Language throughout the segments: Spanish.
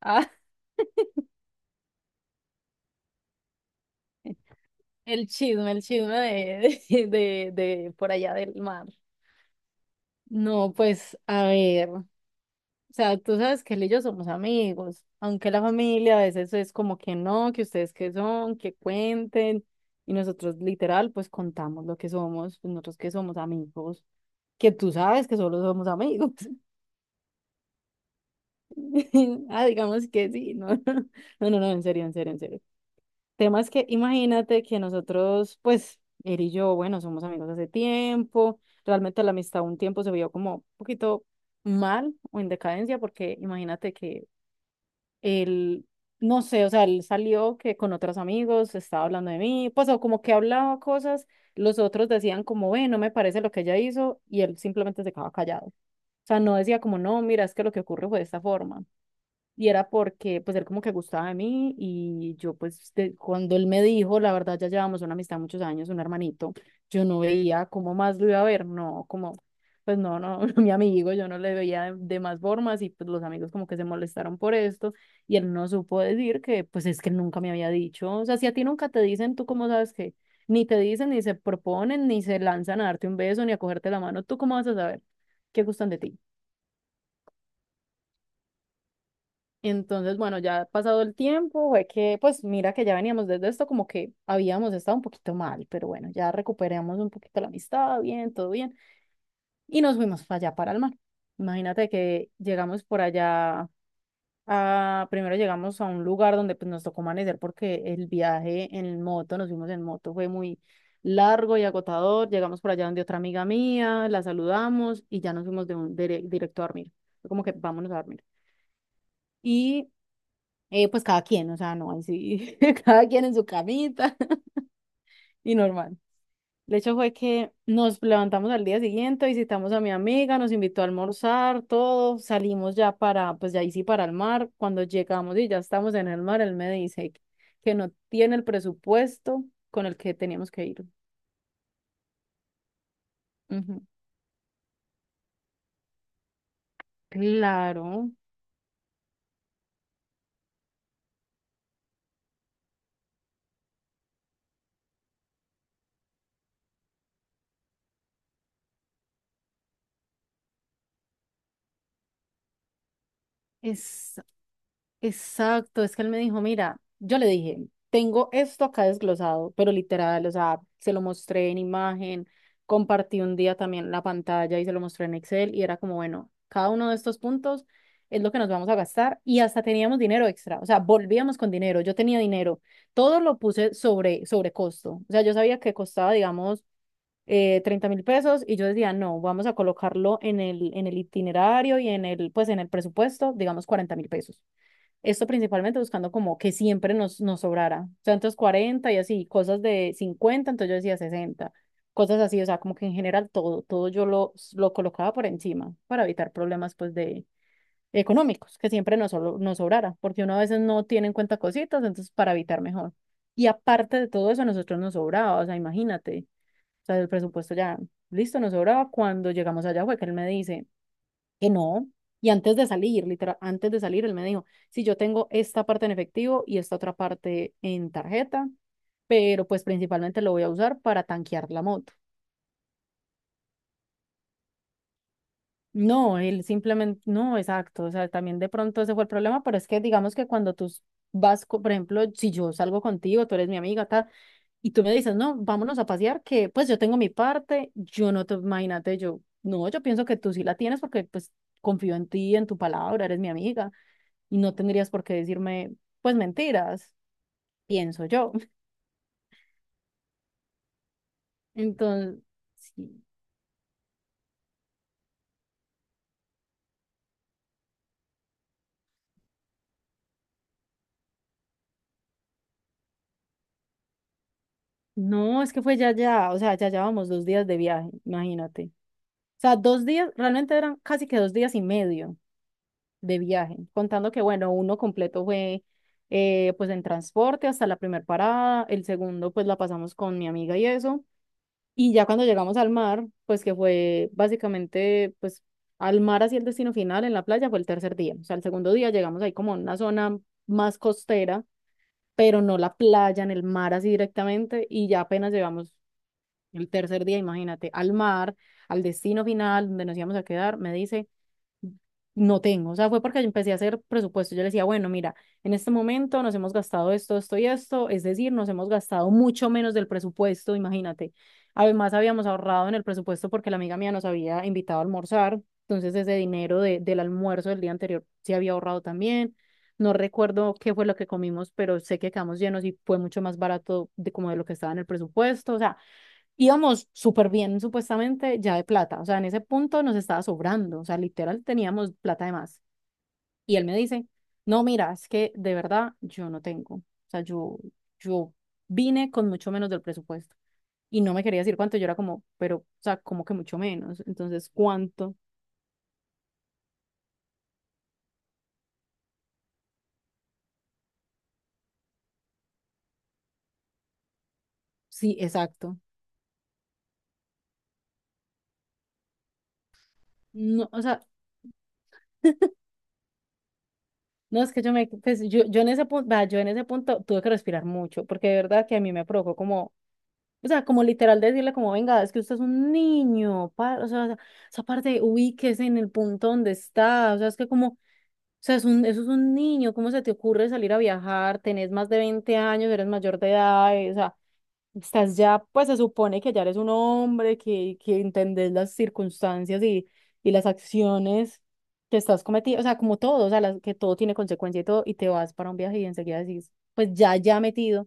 Ah, el chisme de, de por allá del mar. No, pues, a ver, o sea, tú sabes que él y yo somos amigos, aunque la familia a veces es como que no, que ustedes qué son, que cuenten, y nosotros literal, pues contamos lo que somos, pues, nosotros que somos amigos, que tú sabes que solo somos amigos. Ah, digamos que sí, no, no, no, no, en serio, en serio, en serio. Temas que imagínate que nosotros, pues, él y yo, bueno, somos amigos hace tiempo, realmente la amistad un tiempo se vio como un poquito mal o en decadencia, porque imagínate que él, no sé, o sea, él salió que con otros amigos estaba hablando de mí, pues, o como que hablaba cosas, los otros decían como, ve, no me parece lo que ella hizo, y él simplemente se quedaba callado. O sea, no decía como, no, mira, es que lo que ocurre fue de esta forma. Y era porque, pues, él como que gustaba de mí y yo, pues, cuando él me dijo, la verdad, ya llevamos una amistad muchos años, un hermanito, yo no veía cómo más lo iba a ver, no, como, pues, no, no, no, mi amigo, yo no le veía de más formas y, pues, los amigos como que se molestaron por esto y él no supo decir que, pues, es que él nunca me había dicho, o sea, si a ti nunca te dicen, ¿tú cómo sabes que? Ni te dicen, ni se proponen, ni se lanzan a darte un beso, ni a cogerte la mano, ¿tú cómo vas a saber qué gustan de ti? Entonces, bueno, ya pasado el tiempo, fue que, pues mira que ya veníamos desde esto, como que habíamos estado un poquito mal, pero bueno, ya recuperamos un poquito la amistad, bien, todo bien, y nos fuimos para allá, para el mar. Imagínate que llegamos por allá, primero llegamos a un lugar donde pues nos tocó amanecer porque el viaje en moto, nos fuimos en moto, fue muy largo y agotador. Llegamos por allá donde otra amiga mía, la saludamos y ya nos fuimos de directo a dormir. Fue como que vámonos a dormir. Y pues cada quien, o sea, no, ahí sí, cada quien en su camita y normal. El hecho fue que nos levantamos al día siguiente, visitamos a mi amiga, nos invitó a almorzar, todo, salimos ya para, pues ya ahí sí para el mar. Cuando llegamos y ya estamos en el mar, él me dice que no tiene el presupuesto con el que teníamos que ir. Ujú. Claro, es exacto, es que él me dijo, mira, yo le dije, tengo esto acá desglosado, pero literal, o sea, se lo mostré en imagen, compartí un día también la pantalla y se lo mostré en Excel y era como, bueno, cada uno de estos puntos es lo que nos vamos a gastar y hasta teníamos dinero extra, o sea, volvíamos con dinero, yo tenía dinero, todo lo puse sobre costo, o sea, yo sabía que costaba, digamos, 30 mil pesos y yo decía, no, vamos a colocarlo en el itinerario y en el, pues en el presupuesto, digamos, 40.000 pesos. Esto principalmente buscando como que siempre nos sobrara. O sea, entonces 40 y así, cosas de 50, entonces yo decía 60, cosas así, o sea, como que en general todo yo lo colocaba por encima para evitar problemas pues de económicos, que siempre nos sobrara, porque uno a veces no tiene en cuenta cositas, entonces para evitar mejor. Y aparte de todo eso, a nosotros nos sobraba, o sea, imagínate, o sea, el presupuesto ya, listo, nos sobraba. Cuando llegamos allá fue que él me dice, que no. Y antes de salir, literal, antes de salir, él me dijo, si yo tengo esta parte en efectivo y esta otra parte en tarjeta, pero pues principalmente lo voy a usar para tanquear la moto. No, él simplemente, no, exacto, o sea, también de pronto ese fue el problema, pero es que digamos que cuando tú vas, por ejemplo, si yo salgo contigo, tú eres mi amiga, tal, y tú me dices, no, vámonos a pasear, que pues yo tengo mi parte, yo no te, imagínate, yo, no, yo pienso que tú sí la tienes porque pues confío en ti, en tu palabra, eres mi amiga, y no tendrías por qué decirme, pues mentiras, pienso yo. Entonces, sí. No, es que fue ya, ya, o sea, ya llevamos 2 días de viaje, imagínate. O sea, 2 días, realmente eran casi que 2 días y medio de viaje, contando que, bueno, uno completo fue pues en transporte hasta la primera parada, el segundo pues la pasamos con mi amiga y eso. Y ya cuando llegamos al mar, pues que fue básicamente, pues al mar hacia el destino final en la playa fue el tercer día. O sea, el segundo día llegamos ahí como a una zona más costera, pero no la playa, en el mar así directamente. Y ya apenas llegamos el tercer día, imagínate, al mar, al destino final donde nos íbamos a quedar, me dice no tengo. O sea, fue porque yo empecé a hacer presupuesto. Yo le decía, bueno, mira, en este momento nos hemos gastado esto, esto y esto, es decir, nos hemos gastado mucho menos del presupuesto, imagínate. Además, habíamos ahorrado en el presupuesto porque la amiga mía nos había invitado a almorzar, entonces ese dinero del almuerzo del día anterior se había ahorrado también. No recuerdo qué fue lo que comimos, pero sé que quedamos llenos y fue mucho más barato de como de lo que estaba en el presupuesto. O sea, íbamos súper bien, supuestamente, ya de plata. O sea, en ese punto nos estaba sobrando. O sea, literal teníamos plata de más. Y él me dice, no, mira, es que de verdad yo no tengo. O sea, yo vine con mucho menos del presupuesto. Y no me quería decir cuánto. Yo era como, pero, o sea, como que mucho menos. Entonces, ¿cuánto? Sí, exacto. No, o sea, no es que yo en ese punto tuve que respirar mucho, porque de verdad que a mí me provocó como. O sea, como literal decirle como, venga, es que usted es un niño, o sea, esa parte ubíquese en el punto donde está, o sea, es que como, o sea, es un, eso es un niño, ¿cómo se te ocurre salir a viajar? Tenés más de 20 años, eres mayor de edad, o sea, estás ya, pues se supone que ya eres un hombre, que entendés las circunstancias y las acciones que estás cometiendo, o sea, como todo, o sea, que todo tiene consecuencia y todo, y te vas para un viaje y enseguida decís, pues ya metido,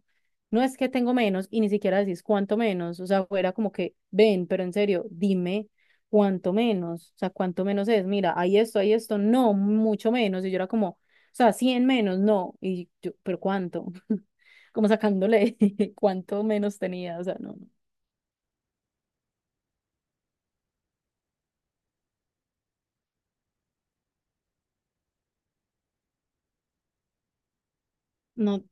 no es que tengo menos y ni siquiera decís cuánto menos, o sea, fuera como que, ven, pero en serio, dime cuánto menos, o sea, cuánto menos es, mira, hay esto, no, mucho menos, y yo era como, o sea, 100 menos, no, y yo, pero cuánto como sacándole cuánto menos tenía, o sea, no, no, no,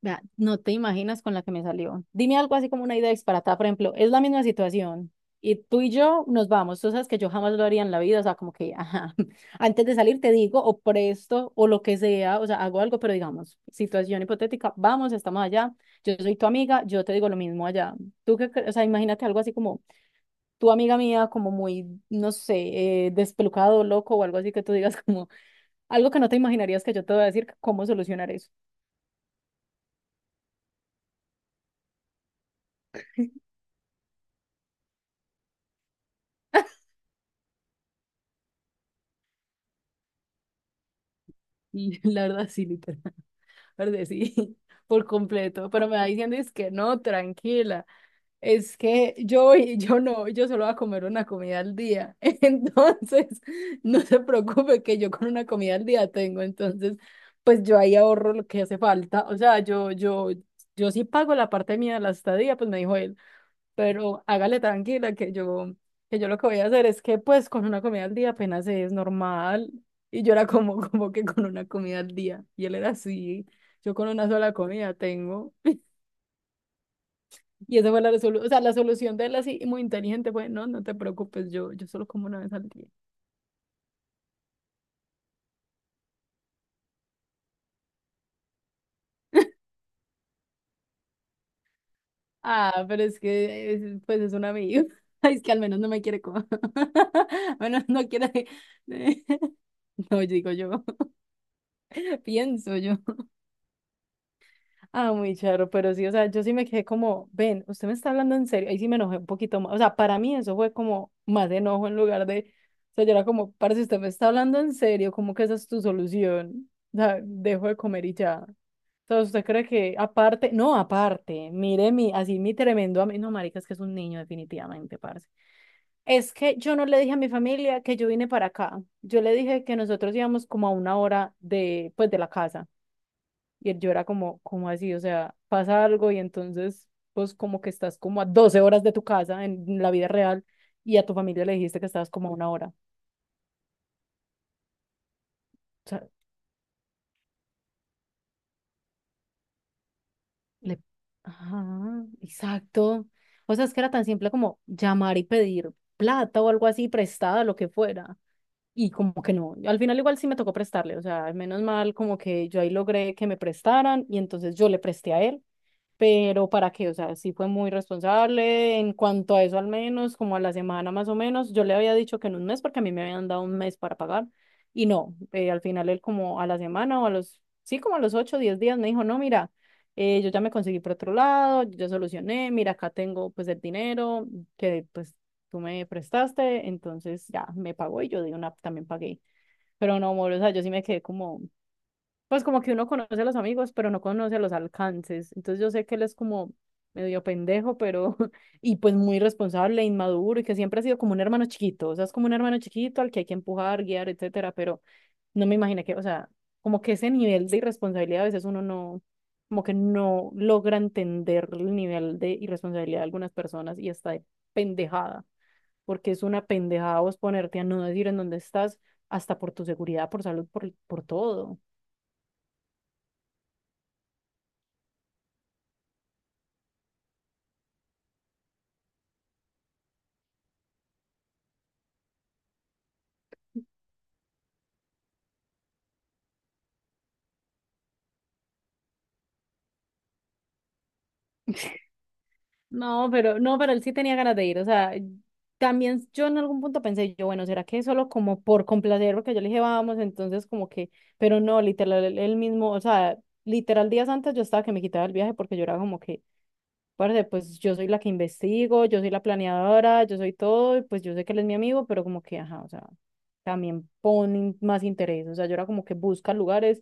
vea, no te imaginas con la que me salió. Dime algo así como una idea disparatada, por ejemplo, es la misma situación y tú y yo nos vamos, tú sabes que yo jamás lo haría en la vida, o sea, como que, ajá, antes de salir te digo o presto o lo que sea, o sea, hago algo, pero digamos, situación hipotética, vamos, estamos allá, yo soy tu amiga, yo te digo lo mismo allá. Tú que, o sea, imagínate algo así como tu amiga mía, como muy, no sé, despelucado, loco o algo así que tú digas como algo que no te imaginarías que yo te voy a decir cómo solucionar eso. Y la verdad, sí, literal. La verdad, sí, por completo. Pero me va diciendo es que no, tranquila. Es que yo, yo no, yo solo voy a comer una comida al día. Entonces, no se preocupe que yo con una comida al día tengo. Entonces, pues yo ahí ahorro lo que hace falta. O sea, yo sí pago la parte mía de la estadía, pues me dijo él, pero hágale tranquila que yo lo que voy a hacer es que pues con una comida al día apenas es normal. Y yo era como, como que con una comida al día. Y él era así, yo con una sola comida tengo. Y esa fue la resolución, o sea, la solución de él así muy inteligente fue, no, no te preocupes, yo solo como una vez al día. Ah, pero pues es un amigo. Ay, es que al menos no me quiere comer. Bueno, no quiere. No, digo yo, pienso yo. Ah, muy charro, pero sí, o sea, yo sí me quedé como, ven, usted me está hablando en serio, ahí sí me enojé un poquito más, o sea, para mí eso fue como más enojo en lugar de, o sea, yo era como, parce, usted me está hablando en serio, ¿cómo que esa es tu solución? O sea, dejo de comer y ya. Entonces, usted cree que aparte, no, aparte, mire mi, así mi tremendo amigo, no, marica, es que es un niño definitivamente, parce. Es que yo no le dije a mi familia que yo vine para acá, yo le dije que nosotros íbamos como a una hora de, pues, de la casa. Yo era como, ¿cómo así? O sea, pasa algo y entonces, pues como que estás como a 12 horas de tu casa en la vida real y a tu familia le dijiste que estabas como a una hora. O sea, le... Ajá, exacto. O sea, es que era tan simple como llamar y pedir plata o algo así, prestada, lo que fuera. Y como que no, al final igual sí me tocó prestarle, o sea, menos mal como que yo ahí logré que me prestaran y entonces yo le presté a él, pero para qué, o sea, sí fue muy responsable en cuanto a eso al menos, como a la semana más o menos, yo le había dicho que en un mes porque a mí me habían dado un mes para pagar y no, al final él como a la semana o a los, sí, como a los ocho, diez días me dijo, no, mira, yo ya me conseguí por otro lado, yo ya solucioné, mira, acá tengo pues el dinero que pues tú me prestaste, entonces ya me pagó y yo de una también pagué, pero no, amor, o sea, yo sí me quedé como... Pues como que uno conoce a los amigos, pero no conoce los alcances. Entonces yo sé que él es como medio pendejo, pero y pues muy responsable, inmaduro y que siempre ha sido como un hermano chiquito. O sea, es como un hermano chiquito al que hay que empujar, guiar, etcétera. Pero no me imaginé que, o sea, como que ese nivel de irresponsabilidad a veces uno no, como que no logra entender el nivel de irresponsabilidad de algunas personas y está de pendejada, porque es una pendejada vos ponerte a no decir en dónde estás, hasta por tu seguridad, por salud, por todo. No, pero no, pero él sí tenía ganas de ir. O sea, también yo en algún punto pensé, yo, bueno, ¿será que solo como por complacer? Porque yo le dije, vamos, entonces como que, pero no, literal, él mismo, o sea, literal días antes yo estaba que me quitaba el viaje porque yo era como que, parce, pues yo soy la que investigo, yo soy la planeadora, yo soy todo, y pues yo sé que él es mi amigo, pero como que, ajá, o sea, también ponen más interés. O sea, yo era como que busca lugares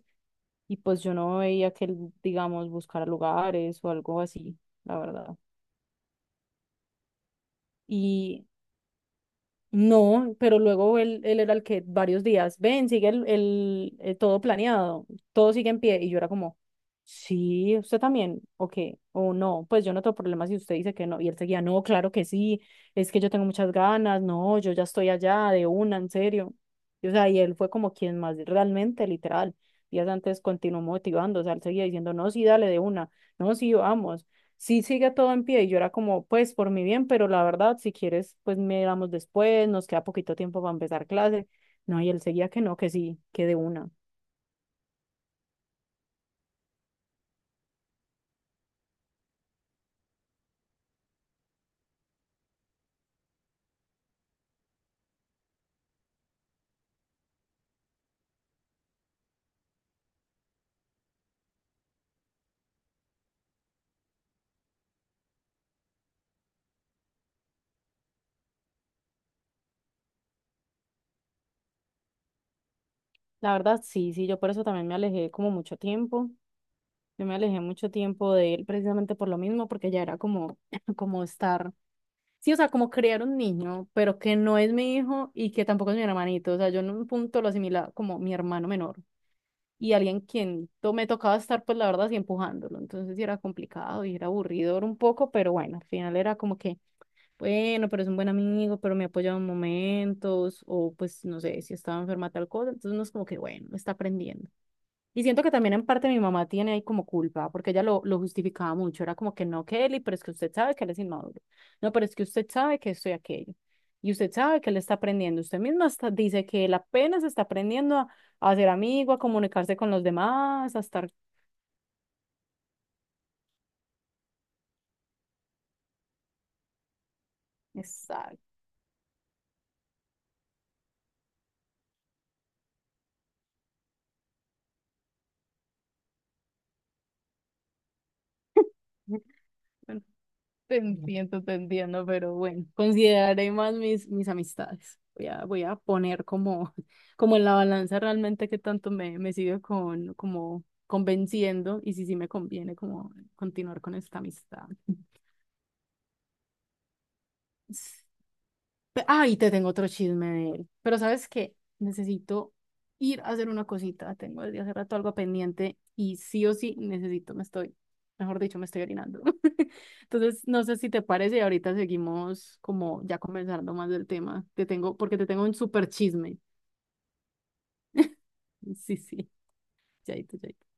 y pues yo no veía que él, digamos, buscara lugares o algo así, la verdad. Y no, pero luego él era el que varios días, ven, sigue todo planeado, todo sigue en pie. Y yo era como, sí, usted también, o qué, o no, pues yo no tengo problema si usted dice que no. Y él seguía, no, claro que sí, es que yo tengo muchas ganas, no, yo ya estoy allá de una, en serio. Y, o sea, y él fue como quien más realmente, literal, días antes continuó motivando, o sea, él seguía diciendo, no, sí, dale de una, no, sí, vamos, sí sigue todo en pie y yo era como, pues por mi bien, pero la verdad, si quieres, pues miramos después, nos queda poquito tiempo para empezar clase. No, y él seguía que no, que sí, que de una. La verdad, sí, sí, yo por eso también me alejé como mucho tiempo. Yo me alejé mucho tiempo de él precisamente por lo mismo, porque ya era como, como estar, sí, o sea, como criar un niño, pero que no es mi hijo y que tampoco es mi hermanito. O sea, yo en un punto lo asimilaba como mi hermano menor. Y me tocaba estar, pues la verdad, así empujándolo. Entonces sí era complicado y era aburridor un poco, pero bueno, al final era como que, bueno, pero es un buen amigo, pero me ha apoyado en momentos, o pues no sé, si estaba enferma tal cosa. Entonces uno es como que, bueno, está aprendiendo. Y siento que también en parte mi mamá tiene ahí como culpa, porque ella lo justificaba mucho. Era como que no, Kelly, pero es que usted sabe que él es inmaduro. No, pero es que usted sabe que esto y aquello. Y usted sabe que él está aprendiendo. Usted misma hasta dice que él apenas está aprendiendo a, ser amigo, a comunicarse con los demás, a estar... Exacto. Bueno, te entiendo, te entiendo, pero bueno, consideraré más mis amistades. Voy a poner como, como en la balanza realmente que tanto me sigue como convenciendo y si sí me conviene como continuar con esta amistad. Ay, te tengo otro chisme de él. Pero ¿sabes qué? Necesito ir a hacer una cosita. Tengo desde hace rato algo pendiente y sí o sí necesito, mejor dicho, me estoy orinando. Entonces, no sé si te parece y ahorita seguimos como ya conversando más del tema. Te tengo, porque te tengo un súper chisme. Sí, sí, chaito, chaito.